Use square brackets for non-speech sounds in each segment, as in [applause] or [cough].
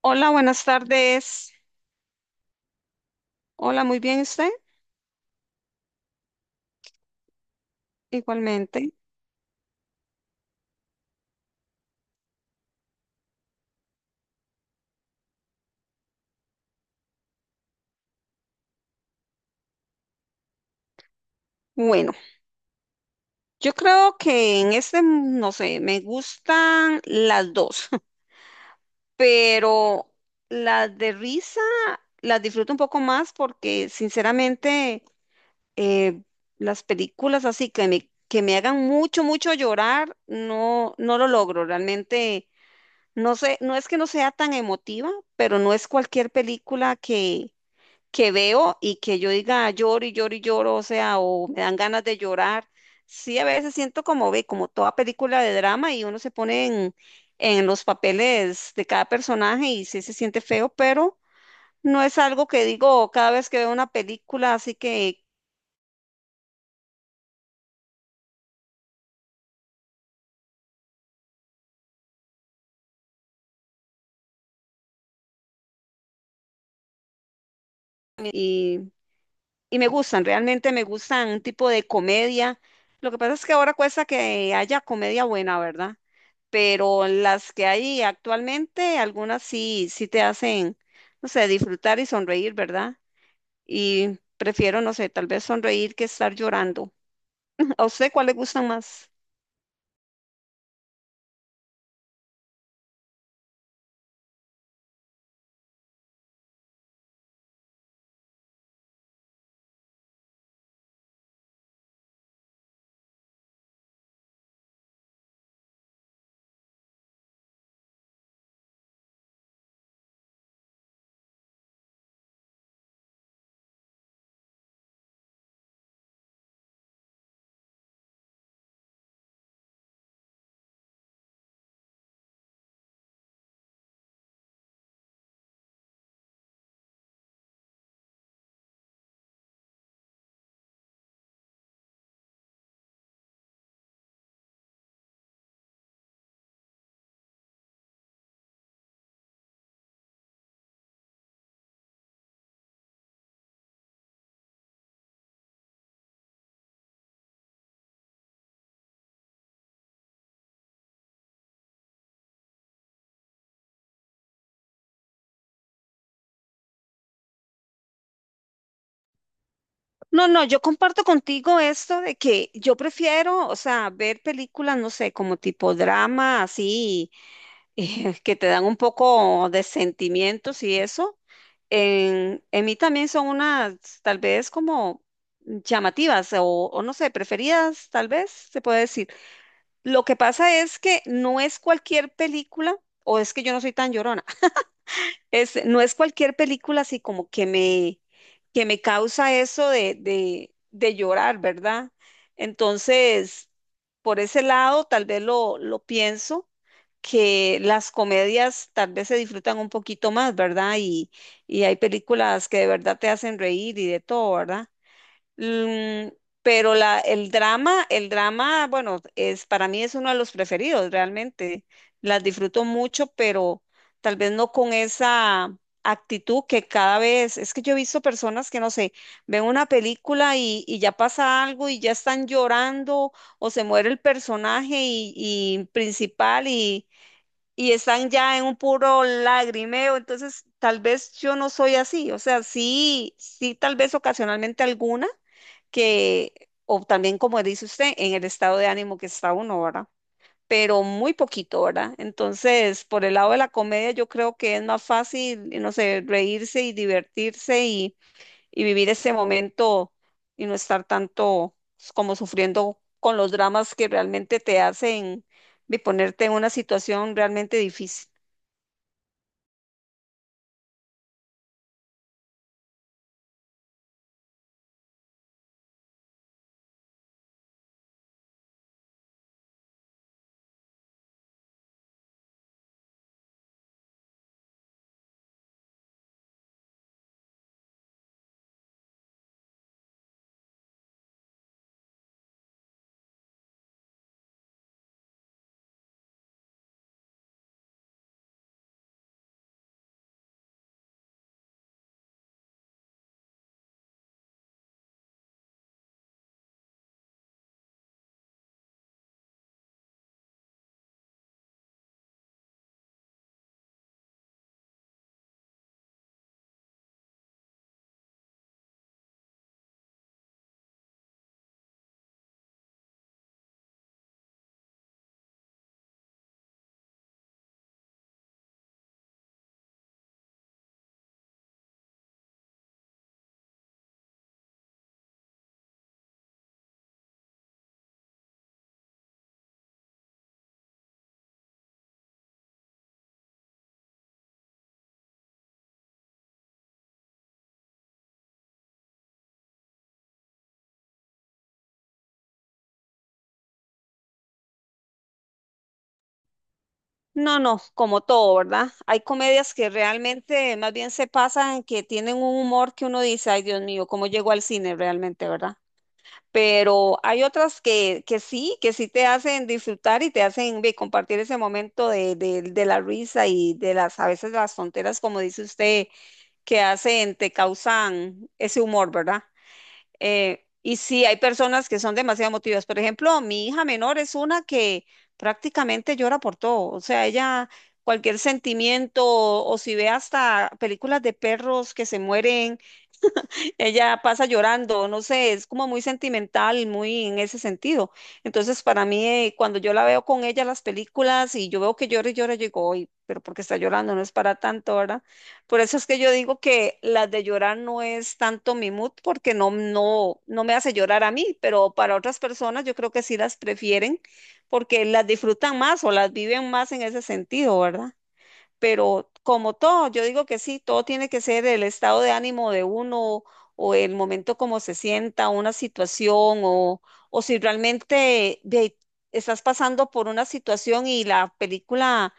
Hola, buenas tardes. Hola, muy bien usted, igualmente. Bueno, yo creo que en este, no sé, me gustan las dos, [laughs] pero las de risa las disfruto un poco más porque sinceramente eh, las películas así que me hagan mucho, mucho llorar, no, no lo logro. Realmente, no sé, no es que no sea tan emotiva, pero no es cualquier película que veo y que yo diga "Ah, lloro y lloro y lloro, o sea, o me dan ganas de llorar." Sí, a veces siento como ve, como toda película de drama y uno se pone en, los papeles de cada personaje y sí se siente feo, pero no es algo que digo cada vez que veo una película, así que, y, y me gustan, realmente me gustan un tipo de comedia. Lo que pasa es que ahora cuesta que haya comedia buena, ¿verdad? Pero las que hay actualmente, algunas sí, sí te hacen, no sé, disfrutar y sonreír, ¿verdad? Y prefiero, no sé, tal vez sonreír que estar llorando. [laughs] ¿A usted cuál le gustan más? No, no, yo comparto contigo esto de que yo prefiero, o sea, ver películas, no sé, como tipo drama, así, [laughs] que te dan un poco de sentimientos y eso. En, mí también son unas, tal vez como llamativas o no sé, preferidas, tal vez se puede decir. Lo que pasa es que no es cualquier película o es que yo no soy tan llorona. No es cualquier película así como que me, causa eso de llorar, ¿verdad? Entonces, por ese lado, tal vez lo pienso, que las comedias tal vez se disfrutan un poquito más, ¿verdad? y hay películas que de verdad te hacen reír y de todo, ¿verdad? Mm, pero la, el drama, bueno, es para mí es uno de los preferidos, realmente. Las disfruto mucho, pero tal vez no con esa actitud que cada vez, es que yo he visto personas que, no sé, ven una película y, ya pasa algo y ya están llorando o se muere el personaje y, principal y están ya en un puro lagrimeo, entonces tal vez yo no soy así, o sea, sí, sí, tal vez ocasionalmente alguna que, o también como dice usted, en el estado de ánimo que está uno, ¿verdad? Pero muy poquito, ¿verdad? Entonces, por el lado de la comedia, yo creo que es más fácil, no sé, reírse y divertirse y vivir ese momento y no estar tanto como sufriendo con los dramas que realmente te hacen de ponerte en una situación realmente difícil. No, no, como todo, ¿verdad? Hay comedias que realmente más bien se pasan, que tienen un humor que uno dice, ay, Dios mío, ¿cómo llegó al cine realmente, ¿verdad? Pero hay otras que sí, que sí te hacen disfrutar y te hacen compartir ese momento de la risa y de las, a veces las tonteras, como dice usted, que hacen, te causan ese humor, ¿verdad? Y sí, hay personas que son demasiado emotivas. Por ejemplo, mi hija menor es una que prácticamente llora por todo. O sea, ella, cualquier sentimiento, o si ve hasta películas de perros que se mueren, ella pasa llorando, no sé, es como muy sentimental, muy en ese sentido. Entonces, para mí, cuando yo la veo con ella las películas y yo veo que llora y llora, yo digo, "Uy, pero porque está llorando, no es para tanto, ¿verdad? Por eso es que yo digo que las de llorar no es tanto mi mood, porque no, no, no me hace llorar a mí, pero para otras personas yo creo que sí las prefieren porque las disfrutan más o las viven más en ese sentido, ¿verdad? Pero como todo, yo digo que sí, todo tiene que ser el estado de ánimo de uno o el momento como se sienta, una situación o, si realmente estás pasando por una situación y la película,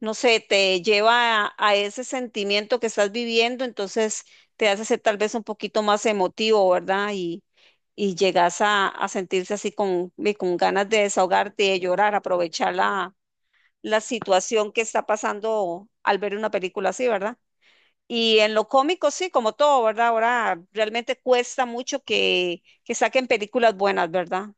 no sé, te lleva a ese sentimiento que estás viviendo, entonces te hace ser tal vez un poquito más emotivo, ¿verdad? y, llegas a sentirse así con ganas de desahogarte, de llorar, aprovecharla la situación que está pasando al ver una película así, ¿verdad? Y en lo cómico, sí, como todo, ¿verdad? Ahora realmente cuesta mucho que saquen películas buenas, ¿verdad?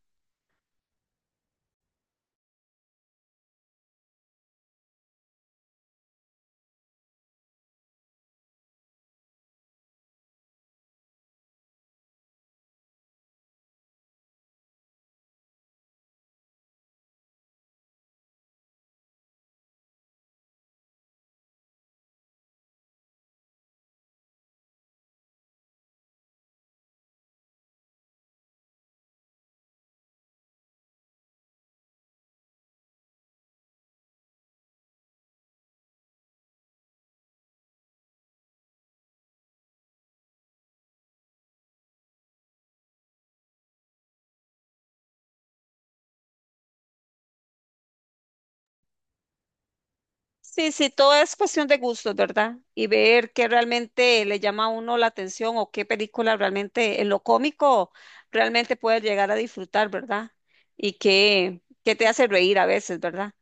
Sí, sí, todo es cuestión de gustos, ¿verdad? Y ver qué realmente le llama a uno la atención o qué película realmente en lo cómico realmente puedes llegar a disfrutar, ¿verdad? Y qué, te hace reír a veces, ¿verdad?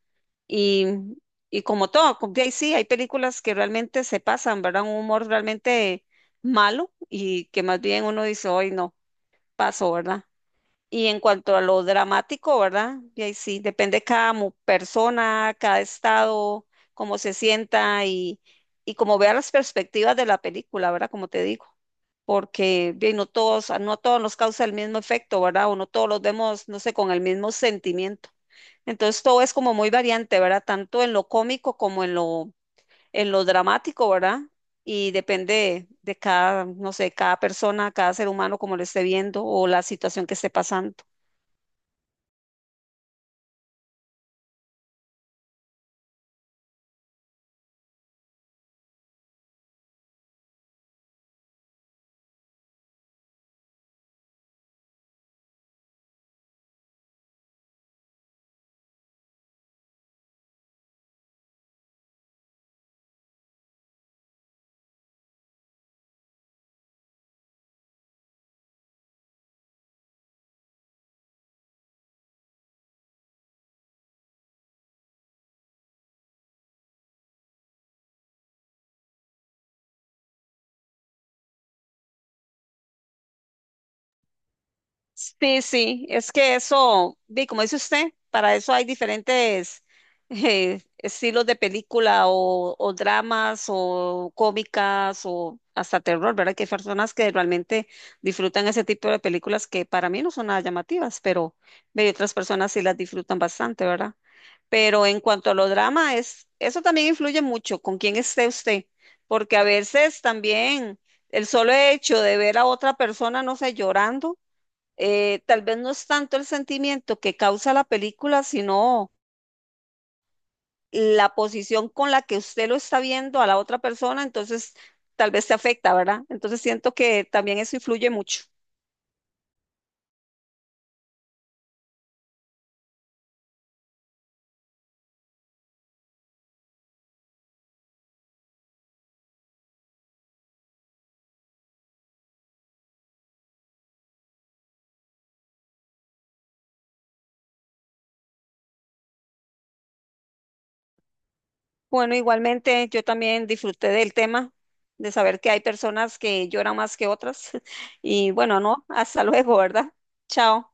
Y, y como todo, como de ahí sí, hay películas que realmente se pasan, ¿verdad? Un humor realmente malo y que más bien uno dice, hoy no, paso, ¿verdad? Y en cuanto a lo dramático, ¿verdad? Y ahí sí, depende cada persona, cada estado, cómo se sienta y cómo vea las perspectivas de la película, ¿verdad? Como te digo, porque bien, no a todos nos causa el mismo efecto, ¿verdad? O no todos los vemos, no sé, con el mismo sentimiento. Entonces todo es como muy variante, ¿verdad? Tanto en lo cómico como en lo, dramático, ¿verdad? Y depende de cada, no sé, cada persona, cada ser humano, como lo esté viendo o la situación que esté pasando. Sí, sí, es que eso, como dice usted, para eso hay diferentes [laughs] estilos de película o dramas o cómicas o hasta terror, ¿verdad? Que hay personas que realmente disfrutan ese tipo de películas que para mí no son nada llamativas, pero otras personas sí las disfrutan bastante, ¿verdad? Pero en cuanto a los dramas, eso también influye mucho con quién esté usted, porque a veces también el solo hecho de ver a otra persona, no sé, llorando, tal vez no es tanto el sentimiento que causa la película, sino la posición con la que usted lo está viendo a la otra persona, entonces tal vez te afecta, ¿verdad? Entonces siento que también eso influye mucho. Bueno, igualmente yo también disfruté del tema, de saber que hay personas que lloran más que otras. [laughs] Y bueno, no, hasta luego, ¿verdad? Chao.